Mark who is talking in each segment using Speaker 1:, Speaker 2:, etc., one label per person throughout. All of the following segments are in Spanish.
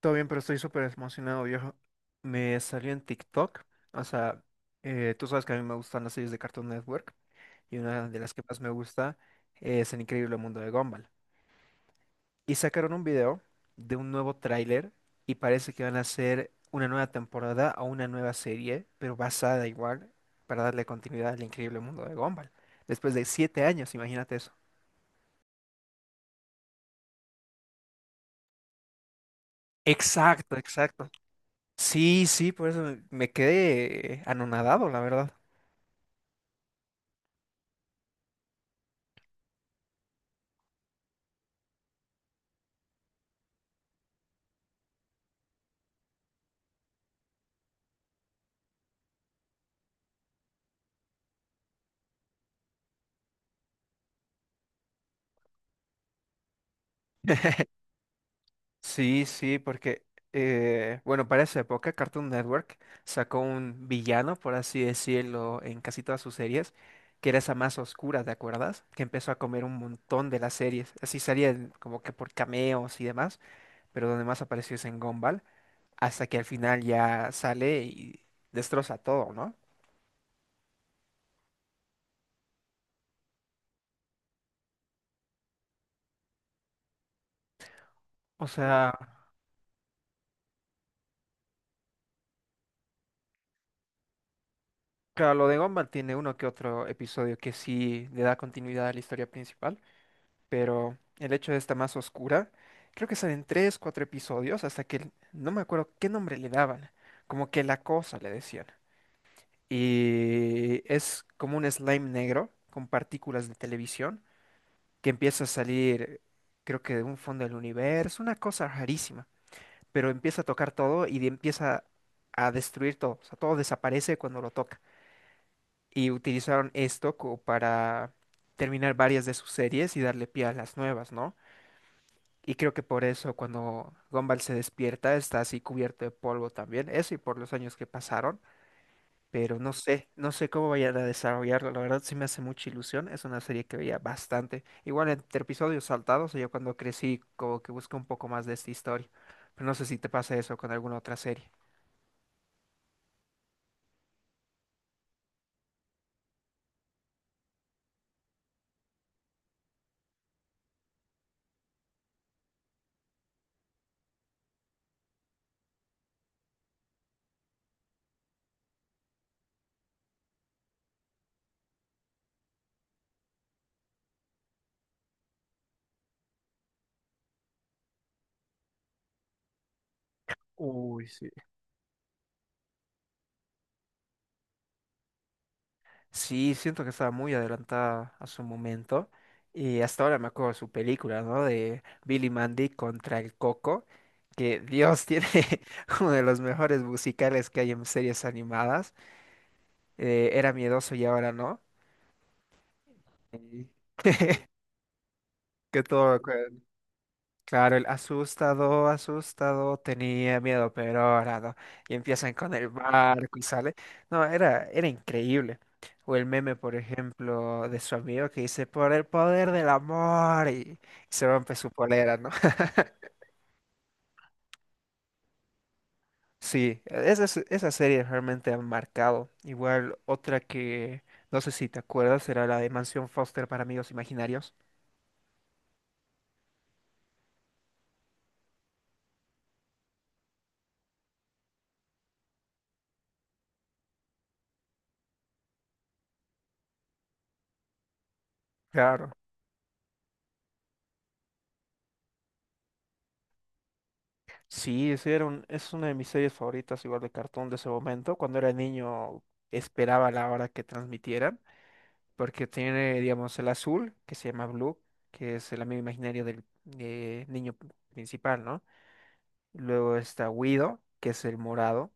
Speaker 1: Todo bien, pero estoy súper emocionado, viejo. Me salió en TikTok. O sea, tú sabes que a mí me gustan las series de Cartoon Network. Y una de las que más me gusta es El Increíble Mundo de Gumball. Y sacaron un video de un nuevo tráiler y parece que van a hacer una nueva temporada o una nueva serie, pero basada igual, para darle continuidad al Increíble Mundo de Gumball. Después de 7 años, imagínate eso. Exacto, exacto. Sí, sí, por eso me quedé anonadado, la verdad. Sí, sí, porque, bueno, para esa época Cartoon Network sacó un villano, por así decirlo, en casi todas sus series, que era esa más oscura, ¿te acuerdas? Que empezó a comer un montón de las series. Así como que por cameos y demás, pero donde más apareció es en Gumball, hasta que al final ya sale y destroza todo, ¿no? O sea, claro, lo de Gumball tiene uno que otro episodio que sí le da continuidad a la historia principal, pero el hecho de esta más oscura, creo que salen tres, cuatro episodios hasta que no me acuerdo qué nombre le daban, como que la cosa le decían. Y es como un slime negro con partículas de televisión que empieza a salir, creo que de un fondo del universo, una cosa rarísima, pero empieza a tocar todo empieza a destruir todo, o sea, todo desaparece cuando lo toca. Y utilizaron esto como para terminar varias de sus series y darle pie a las nuevas, ¿no? Y creo que por eso cuando Gumball se despierta está así cubierto de polvo también, eso y por los años que pasaron, pero no sé, no sé cómo vayan a desarrollarlo, la verdad sí me hace mucha ilusión, es una serie que veía bastante, igual entre episodios saltados, yo cuando crecí como que busqué un poco más de esta historia, pero no sé si te pasa eso con alguna otra serie. Uy, sí. Sí, siento que estaba muy adelantada a su momento. Y hasta ahora me acuerdo de su película, ¿no? De Billy Mandy contra el Coco. Que Dios tiene uno de los mejores musicales que hay en series animadas. Era miedoso y ahora no. Sí. Que todo. Claro, el asustado, asustado, tenía miedo, pero ahora no. Y empiezan con el barco y sale. No, era, era increíble. O el meme, por ejemplo, de su amigo que dice, por el poder del amor, y se rompe su polera, ¿no? Sí, esas, esas series realmente han marcado. Igual otra que, no sé si te acuerdas, era la de Mansión Foster para amigos imaginarios. Claro. Sí, es una de mis series favoritas, igual de cartoon de ese momento. Cuando era niño esperaba la hora que transmitieran, porque tiene, digamos, el azul, que se llama Blue, que es el amigo imaginario del niño principal, ¿no? Luego está Guido, que es el morado,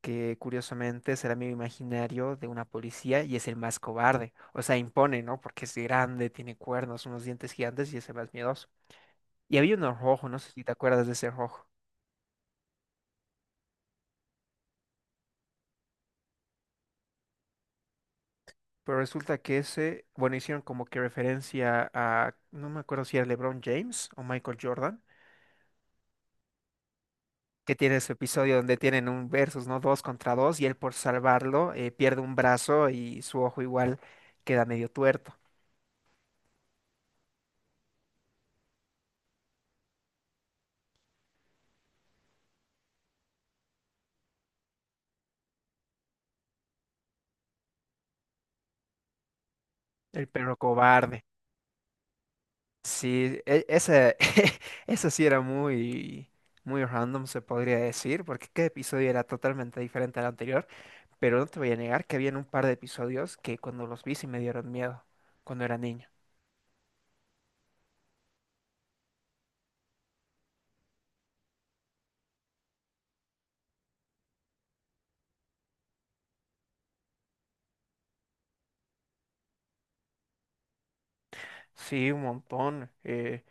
Speaker 1: que curiosamente es el amigo imaginario de una policía y es el más cobarde. O sea, impone, ¿no? Porque es grande, tiene cuernos, unos dientes gigantes y es el más miedoso. Y había uno rojo, no sé si te acuerdas de ese rojo. Pero resulta que ese, bueno, hicieron como que referencia a, no me acuerdo si era LeBron James o Michael Jordan, que tiene ese episodio donde tienen un versus, ¿no? Dos contra dos y él por salvarlo pierde un brazo y su ojo igual queda medio tuerto. El perro cobarde. Sí, ese, eso sí era muy, muy random, se podría decir, porque cada episodio era totalmente diferente al anterior, pero no te voy a negar que habían un par de episodios que cuando los vi sí me dieron miedo cuando era niño. Sí, un montón.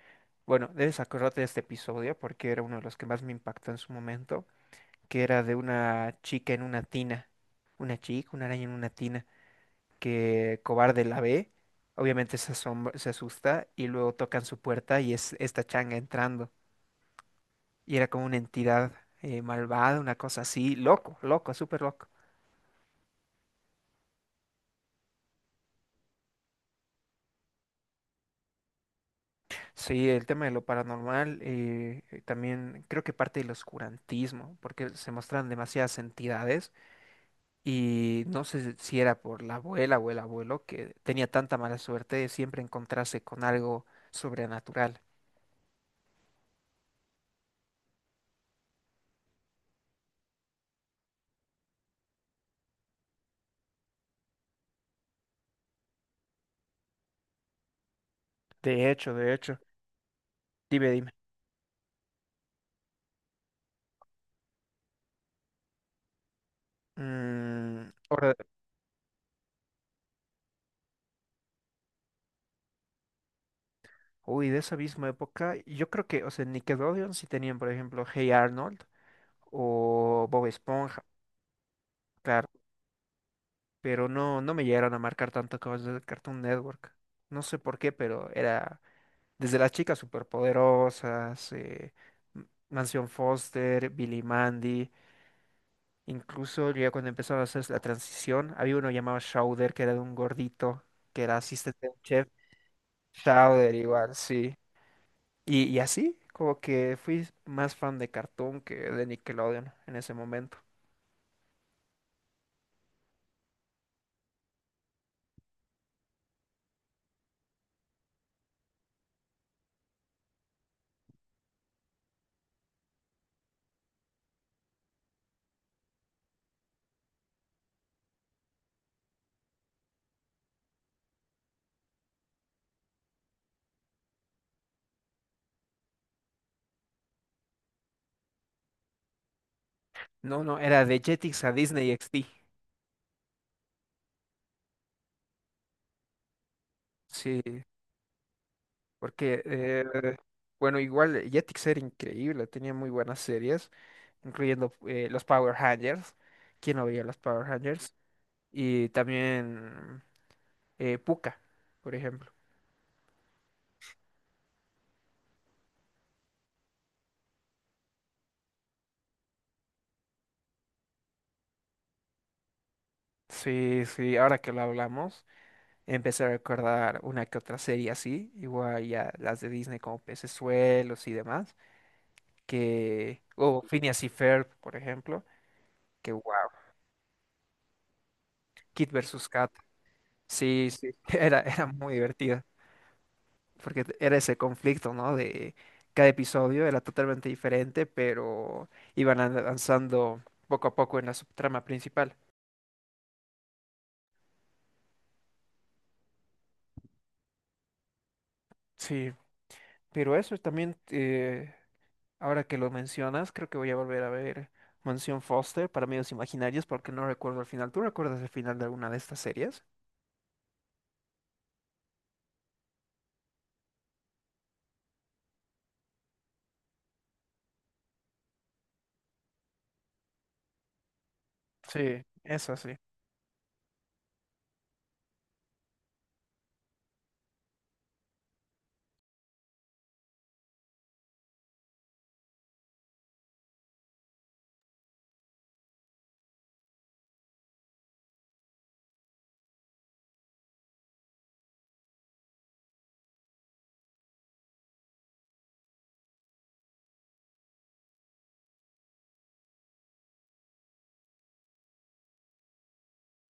Speaker 1: Bueno, debes acordarte de este episodio porque era uno de los que más me impactó en su momento, que era de una chica en una tina, una chica, una araña en una tina, que cobarde la ve, obviamente se asusta y luego tocan su puerta y es esta changa entrando. Y era como una entidad malvada, una cosa así, loco, loco, súper loco. Sí, el tema de lo paranormal, también creo que parte del oscurantismo, porque se muestran demasiadas entidades. Y no sé si era por la abuela o el abuelo que tenía tanta mala suerte de siempre encontrarse con algo sobrenatural. De hecho, dime, dime. Mm, ahora, uy, de esa misma época, yo creo que, o sea, Nickelodeon sí tenían, por ejemplo, Hey Arnold o Bob Esponja, claro, pero no, no me llegaron a marcar tanto como los de Cartoon Network. No sé por qué, pero era desde las chicas superpoderosas, Mansión Foster, Billy Mandy. Incluso ya cuando empezaron a hacer la transición, había uno llamado Schauder, que era de un gordito, que era asistente de un chef. Schauder igual, sí. Y así, como que fui más fan de Cartoon que de Nickelodeon en ese momento. No, no, era de Jetix a Disney XD. Sí, porque, bueno, igual Jetix era increíble, tenía muy buenas series, incluyendo los Power Rangers. ¿Quién no veía los Power Rangers? Y también Pucca, por ejemplo. Sí, sí, ahora que lo hablamos, empecé a recordar una que otra serie así, igual ya las de Disney como Pecesuelos y demás, que, o Phineas y Ferb, por ejemplo, que wow, Kid versus Kat, sí, sí, era, era muy divertida, porque era ese conflicto, ¿no? De cada episodio era totalmente diferente, pero iban avanzando poco a poco en la subtrama principal. Sí, pero eso también. Ahora que lo mencionas, creo que voy a volver a ver Mansión Foster para medios imaginarios porque no recuerdo el final. ¿Tú recuerdas el final de alguna de estas series? Sí, eso sí.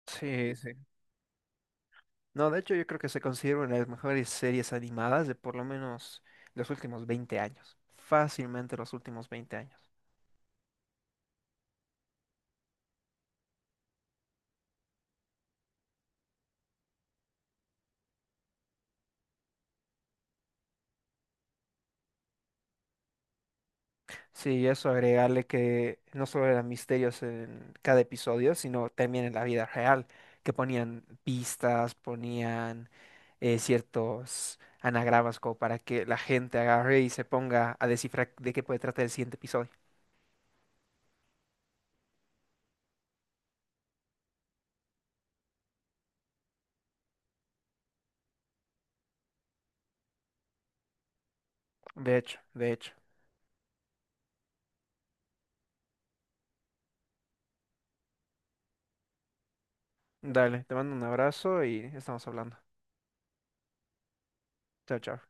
Speaker 1: Sí, sí. No, de hecho yo creo que se considera una de las mejores series animadas de por lo menos los últimos 20 años. Fácilmente los últimos 20 años. Sí, y eso agregarle que no solo eran misterios en cada episodio, sino también en la vida real, que ponían pistas, ponían ciertos anagramas como para que la gente agarre y se ponga a descifrar de qué puede tratar el siguiente episodio. De hecho, de hecho. Dale, te mando un abrazo y estamos hablando. Chao, chao.